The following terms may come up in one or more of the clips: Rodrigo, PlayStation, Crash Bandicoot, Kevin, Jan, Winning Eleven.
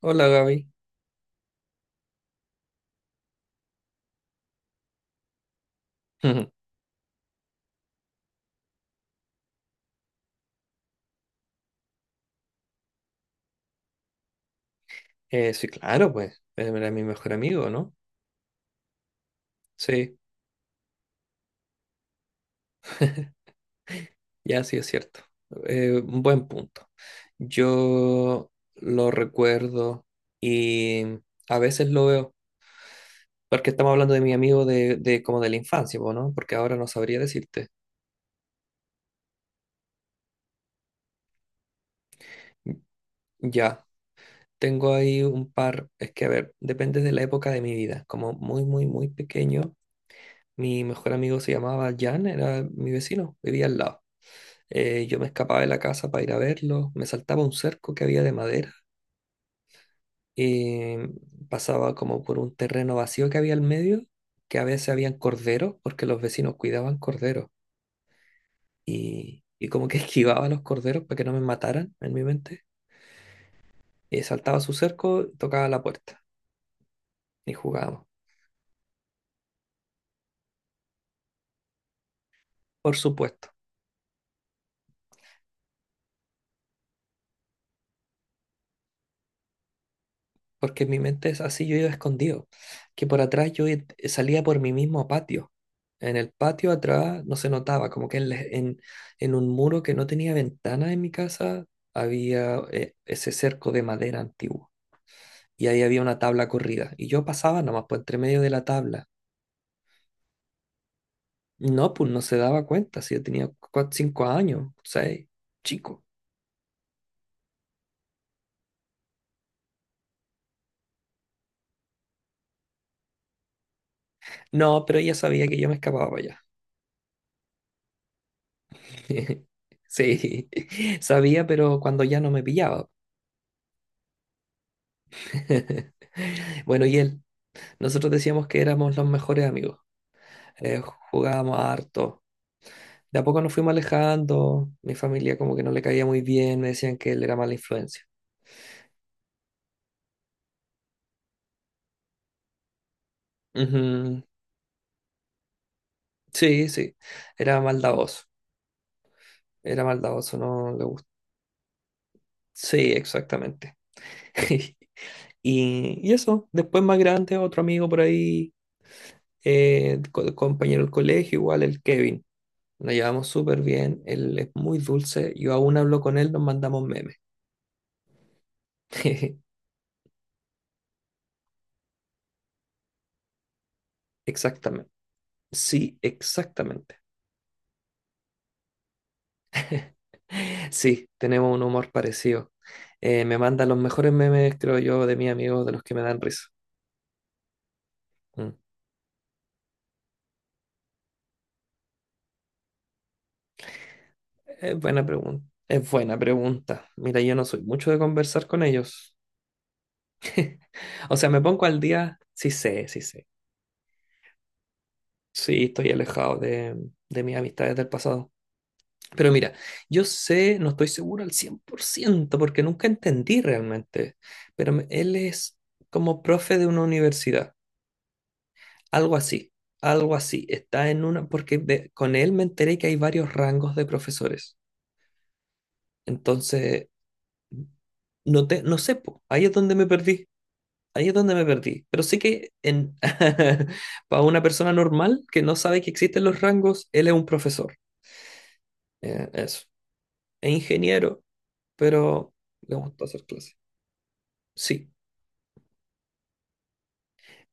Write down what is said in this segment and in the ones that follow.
Hola Gaby. Sí, claro, pues. Era mi mejor amigo, ¿no? Sí, ya sí es cierto. Un buen punto. Yo lo recuerdo y a veces lo veo, porque estamos hablando de mi amigo de como de la infancia, po, ¿no? Porque ahora no sabría decirte. Ya, tengo ahí un par, es que a ver, depende de la época de mi vida. Como muy, muy, muy pequeño, mi mejor amigo se llamaba Jan, era mi vecino, vivía al lado. Yo me escapaba de la casa para ir a verlo, me saltaba un cerco que había de madera, y pasaba como por un terreno vacío que había al medio, que a veces habían corderos, porque los vecinos cuidaban corderos, y como que esquivaba a los corderos para que no me mataran en mi mente, y saltaba su cerco, tocaba la puerta, y jugábamos, por supuesto. Porque en mi mente es así, yo iba escondido, que por atrás salía por mi mismo patio. En el patio atrás no se notaba, como que en un muro que no tenía ventana en mi casa había ese cerco de madera antiguo, y ahí había una tabla corrida y yo pasaba nomás por entre medio de la tabla. No, pues no se daba cuenta, si yo tenía 5 cinco años, seis, chico. No, pero ella sabía que yo me escapaba para allá. Sí, sabía, pero cuando ya no me pillaba. Bueno, nosotros decíamos que éramos los mejores amigos. Eh, jugábamos harto. De a poco nos fuimos alejando. Mi familia como que no le caía muy bien, me decían que él era mala influencia. Ujú. Sí, sí, era maldadoso. Era maldadoso, no le gusta. Sí, exactamente. Y eso, después más grande, otro amigo por ahí, compañero del colegio, igual el Kevin. Nos llevamos súper bien, él es muy dulce, yo aún hablo con él, nos mandamos memes. Exactamente. Sí, exactamente. Sí, tenemos un humor parecido. Me manda los mejores memes, creo yo, de mis amigos, de los que me dan risa. Mm. Es buena pregunta. Es buena pregunta. Mira, yo no soy mucho de conversar con ellos. O sea, me pongo al día, sí sé, sí sé. Sí, estoy alejado de mis amistades del pasado. Pero mira, yo sé, no estoy seguro al 100% porque nunca entendí realmente, pero él es como profe de una universidad, algo así, algo así. Está en una, porque con él me enteré que hay varios rangos de profesores. Entonces, no sé, po, ahí es donde me perdí, ahí es donde me perdí. Pero sí que en, para una persona normal que no sabe que existen los rangos, él es un profesor, eso. Es ingeniero, pero le gusta hacer clases. Sí,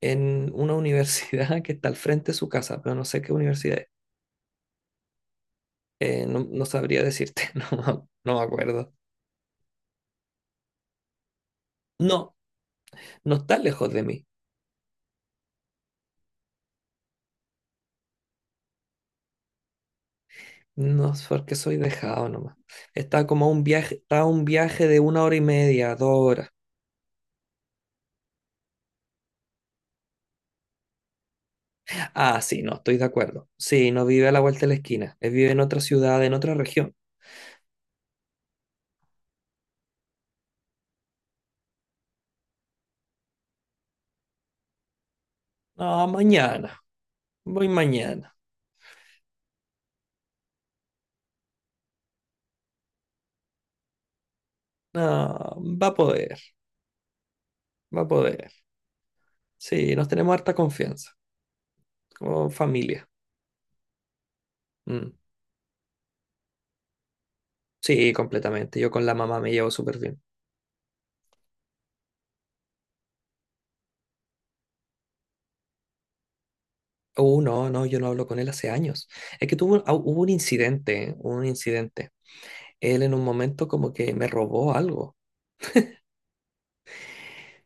en una universidad que está al frente de su casa, pero no sé qué universidad es. No, no sabría decirte, no, no me acuerdo. No, no está lejos de mí. No es porque soy dejado nomás. Está como a un viaje, está a un viaje de una hora y media, dos horas. Ah, sí, no, estoy de acuerdo. Sí, no vive a la vuelta de la esquina. Él vive en otra ciudad, en otra región. No, mañana. Voy mañana. No, va a poder, va a poder. Sí, nos tenemos harta confianza como familia. Mm. Sí, completamente. Yo con la mamá me llevo súper bien. No, no, yo no hablo con él hace años. Es que hubo un incidente, ¿eh? Hubo un incidente. Él en un momento como que me robó algo.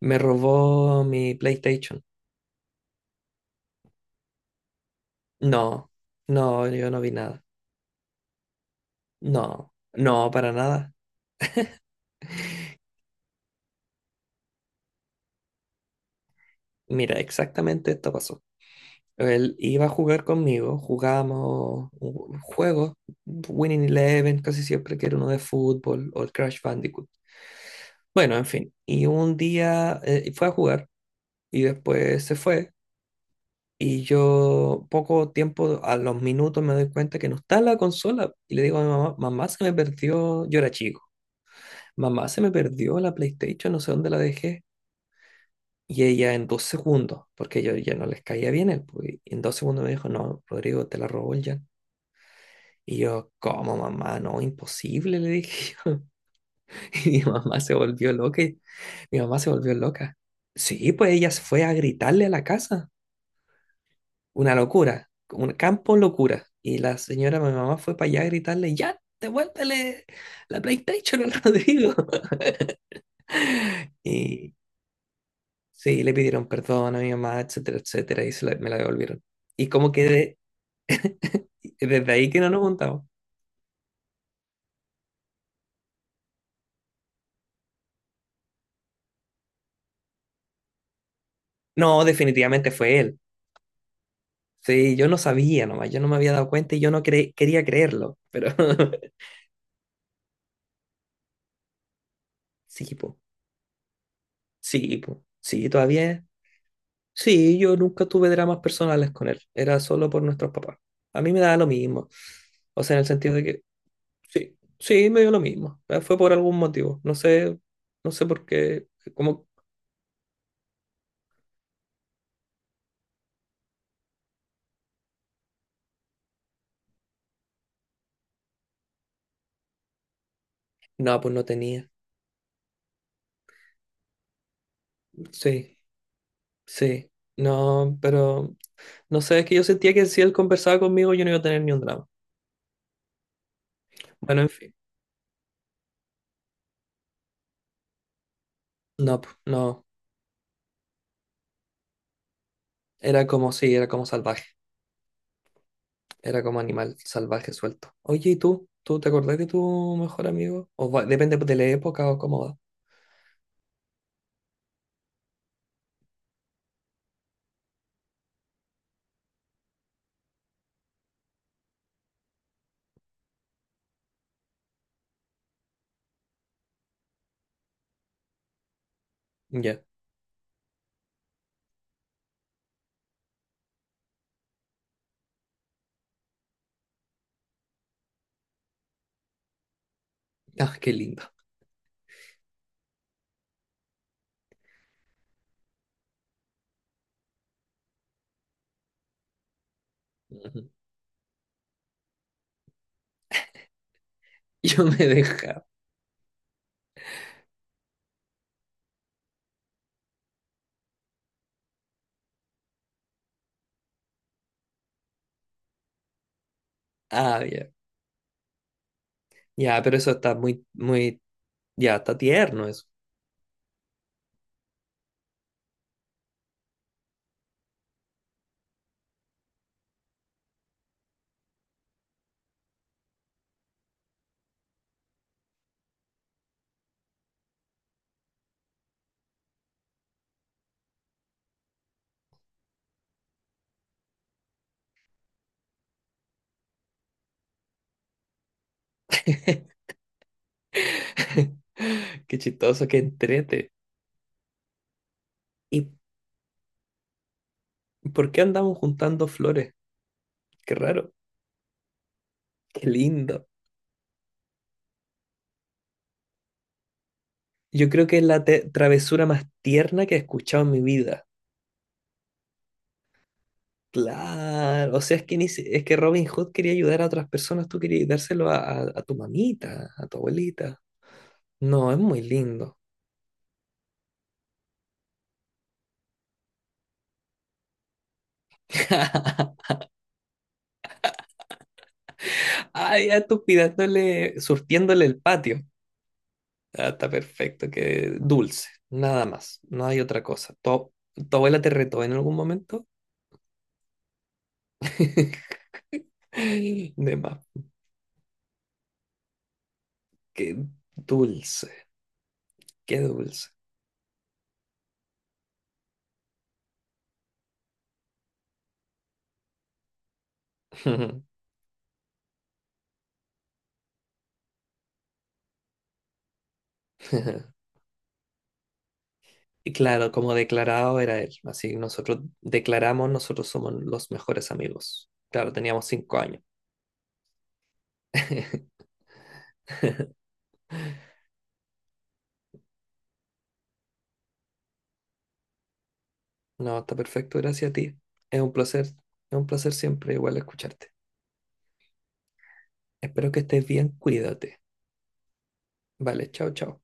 Me robó mi PlayStation. No, no, yo no vi nada. No, no, para nada. Mira, exactamente esto pasó. Él iba a jugar conmigo, jugábamos juegos, Winning Eleven, casi siempre que era uno de fútbol, o el Crash Bandicoot. Bueno, en fin, y un día fue a jugar y después se fue, y yo poco tiempo, a los minutos me doy cuenta que no está la consola y le digo a mi mamá, mamá se me perdió, yo era chico, mamá se me perdió la PlayStation, no sé dónde la dejé. Y ella en dos segundos, porque yo ya no les caía bien, él, pues, y en dos segundos me dijo, no, Rodrigo, te la robó el Jan. Y yo, ¿cómo mamá? No, imposible, le dije yo. Y mi mamá se volvió loca. Mi mamá se volvió loca. Sí, pues ella se fue a gritarle a la casa. Una locura, un campo locura. Y la señora, mi mamá, fue para allá a gritarle, ya, devuélvele la PlayStation al Rodrigo. Y sí, le pidieron perdón a mi mamá, etcétera, etcétera, y me la devolvieron. Y como que desde ahí que no nos juntamos. No, definitivamente fue él. Sí, yo no sabía nomás, yo no me había dado cuenta y yo no cre- quería creerlo, pero sí, po, sí, po, sí, todavía, sí, yo nunca tuve dramas personales con él, era solo por nuestros papás. A mí me daba lo mismo, o sea, en el sentido de que, sí, sí, me dio lo mismo, fue por algún motivo, no sé, no sé por qué, como, no, pues no tenía, sí, sí, no, pero, no sé, es que yo sentía que si él conversaba conmigo yo no iba a tener ni un drama. Bueno, en fin, no, pues, no. Era como, sí, era como salvaje, era como animal salvaje suelto. Oye, ¿y tú? ¿Tú te acordás de tu mejor amigo? Depende de la época o cómo va. Ya. Ah, qué lindo. Ujú. Yo me dejaba. Ah, ya. Ya, pero eso está muy, muy, ya, está tierno eso. Qué chistoso, qué entrete. ¿Y por qué andamos juntando flores? Qué raro, qué lindo. Yo creo que es la travesura más tierna que he escuchado en mi vida. Claro, o sea, es que, ni si- es que Robin Hood quería ayudar a otras personas, tú querías dárselo a, a tu mamita, a tu abuelita. No, es muy lindo. Ay, ya tú pidándole, surtiéndole el patio. Ah, está perfecto, que dulce, nada más, no hay otra cosa. ¿Tu, tu abuela te retó en algún momento? De más, qué dulce, qué dulce. Y claro, como declarado era él. Así nosotros declaramos, nosotros somos los mejores amigos. Claro, teníamos cinco años. No, está perfecto, gracias a ti. Es un placer siempre igual escucharte. Espero que estés bien, cuídate. Vale, chao, chao.